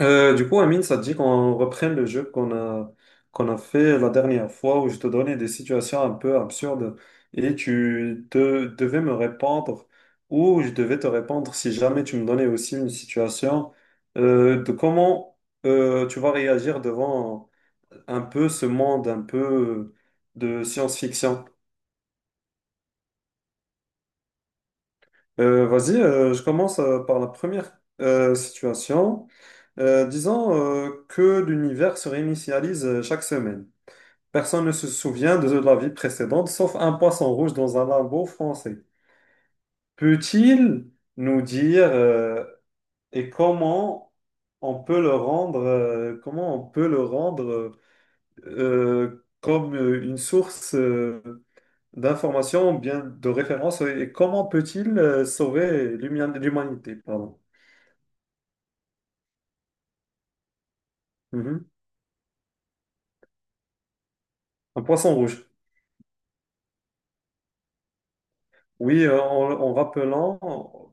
Amine, ça te dit qu'on reprenne le jeu qu'on a fait la dernière fois où je te donnais des situations un peu absurdes et tu devais me répondre ou je devais te répondre si jamais tu me donnais aussi une situation de comment tu vas réagir devant un peu ce monde un peu de science-fiction. Vas-y, je commence par la première situation. Disons que l'univers se réinitialise chaque semaine. Personne ne se souvient de la vie précédente, sauf un poisson rouge dans un lambeau français. Peut-il nous dire, et comment on peut le rendre, comme une source d'information, bien de référence, et comment peut-il sauver l'humanité, pardon. Mhm. Un poisson rouge. Oui, en rappelant,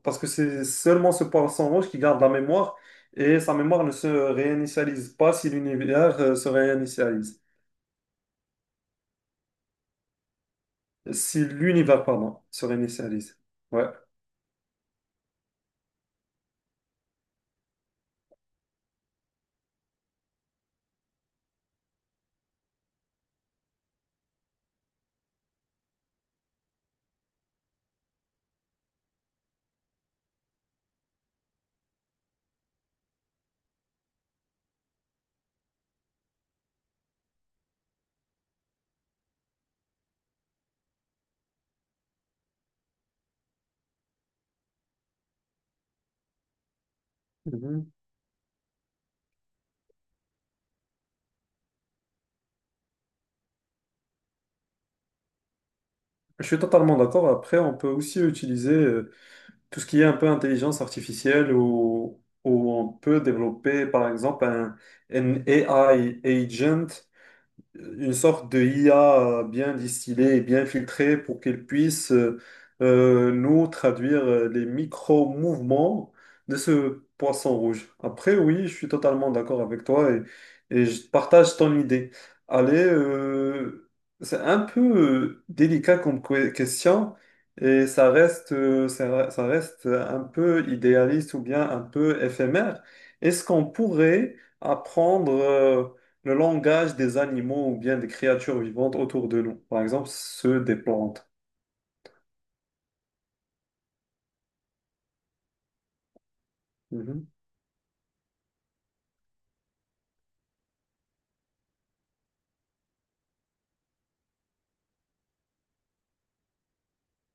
parce que c'est seulement ce poisson rouge qui garde la mémoire et sa mémoire ne se réinitialise pas si l'univers se réinitialise. Si l'univers, pardon, se réinitialise. Ouais. Mhm. Je suis totalement d'accord. Après, on peut aussi utiliser tout ce qui est un peu intelligence artificielle ou on peut développer, par exemple, un AI agent, une sorte de IA bien distillée et bien filtrée pour qu'elle puisse, nous traduire les micro-mouvements de ce poisson rouge. Après, oui, je suis totalement d'accord avec toi et je partage ton idée. Allez, c'est un peu délicat comme question et ça reste, ça reste un peu idéaliste ou bien un peu éphémère. Est-ce qu'on pourrait apprendre le langage des animaux ou bien des créatures vivantes autour de nous, par exemple ceux des plantes. Mhm,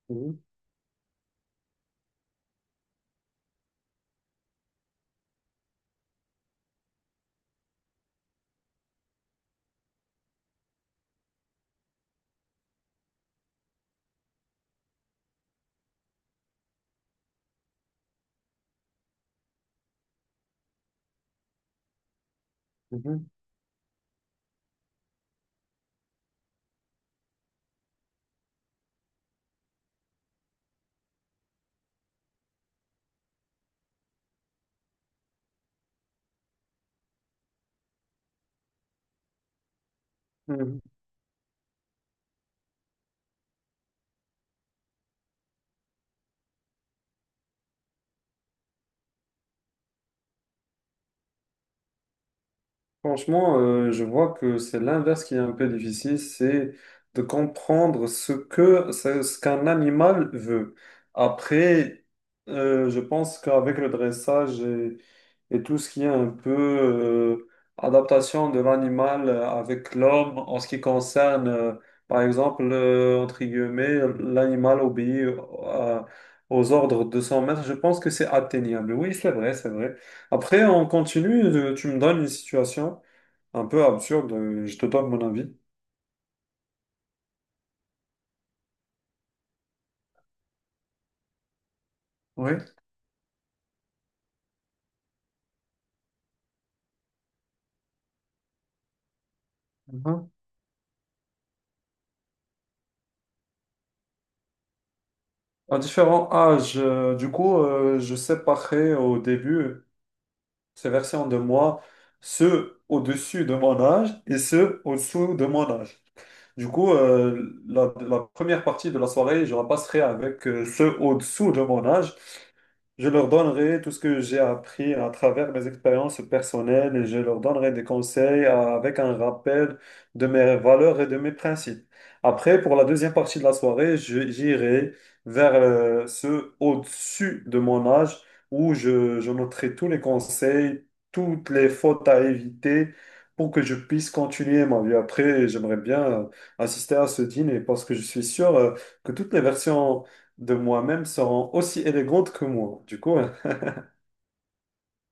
mhm, mhm, mhm. Franchement, je vois que c'est l'inverse qui est un peu difficile, c'est de comprendre ce que ce ce qu'un animal veut. Après, je pense qu'avec le dressage et tout ce qui est un peu adaptation de l'animal avec l'homme en ce qui concerne, par exemple, entre guillemets, l'animal obéit à- aux ordres de son maître, je pense que c'est atteignable. Oui, c'est vrai, c'est vrai. Après, on continue, tu me donnes une situation un peu absurde, je te donne mon avis. Oui. Mhm. À différents âges, du coup, je séparais au début, se versant de moi, ceux au-dessus de mon âge et ceux au-dessous de mon âge. Du coup, la première partie de la soirée, je la passerai avec ceux au-dessous de mon âge. Je leur donnerai tout ce que j'ai appris à travers mes expériences personnelles et je leur donnerai des conseils, avec un rappel de mes valeurs et de mes principes. Après, pour la deuxième partie de la soirée, j'irai vers ceux au-dessus de mon âge où je noterai tous les conseils, toutes les fautes à éviter pour que je puisse continuer ma vie. Après, j'aimerais bien euh, assister à ce dîner parce que je suis sûr que toutes les versions de moi-même seront aussi élégantes que moi. Du coup,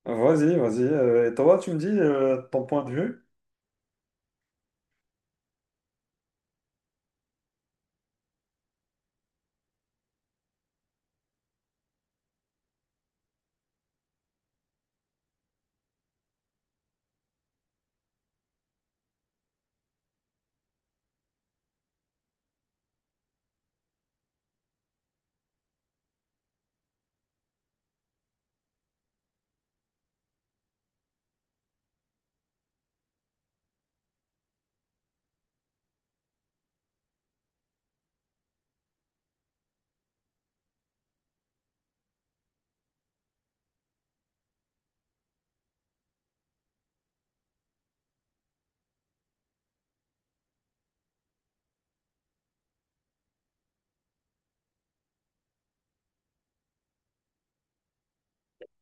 vas-y, vas-y. Euh, et toi, tu me dis ton point de vue.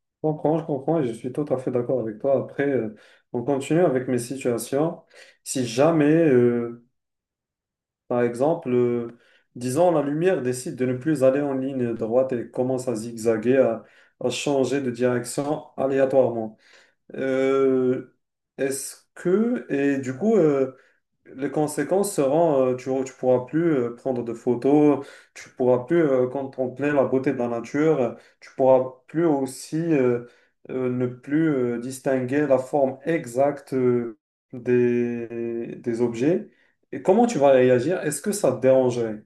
Je comprends et je suis tout à fait d'accord avec toi. Après, on continue avec mes situations. Si jamais, par exemple, disons, la lumière décide de ne plus aller en ligne droite et commence à zigzaguer, à changer de direction aléatoirement. Euh, est-ce que, et du coup, Les conséquences seront, tu ne pourras plus prendre de photos, tu pourras plus contempler la beauté de la nature, tu pourras plus aussi ne plus distinguer la forme exacte des objets. Et comment tu vas réagir? Est-ce que ça te dérangerait?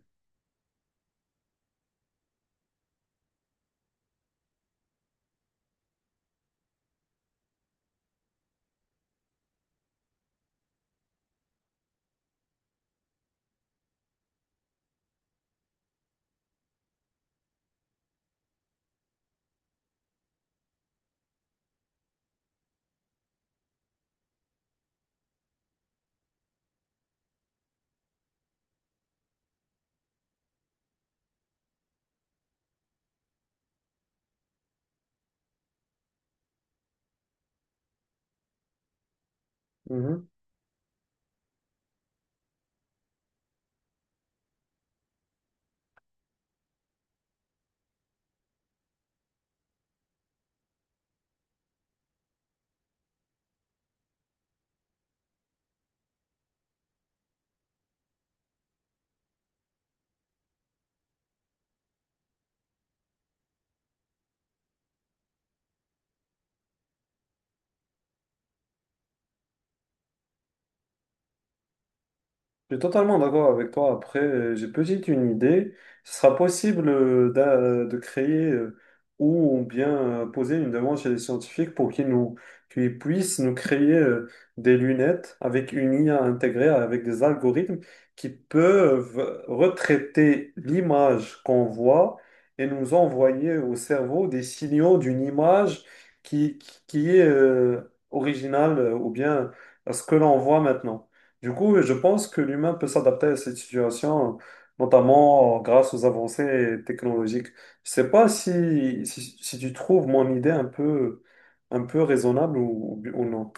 Je suis totalement d'accord avec toi. Après, j'ai peut-être une idée. Ce sera possible de créer, ou bien poser une demande chez les scientifiques pour qu'ils puissent nous créer des lunettes avec une IA intégrée, avec des algorithmes qui peuvent retraiter l'image qu'on voit et nous envoyer au cerveau des signaux d'une image qui est originale, ou bien à ce que l'on voit maintenant. Du coup, je pense que l'humain peut s'adapter à cette situation, notamment grâce aux avancées technologiques. Je sais pas si tu trouves mon idée un peu raisonnable ou non.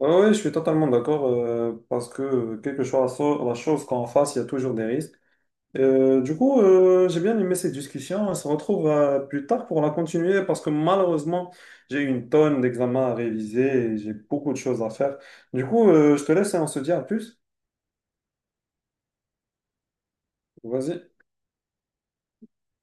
Oui, je suis totalement d'accord, parce que quelque chose, la chose qu'on fasse, il y a toujours des risques. Du coup, j'ai bien aimé cette discussion. On se retrouve plus tard pour la continuer parce que malheureusement, j'ai une tonne d'examens à réviser et j'ai beaucoup de choses à faire. Du coup, je te laisse et on se dit à plus. Vas-y.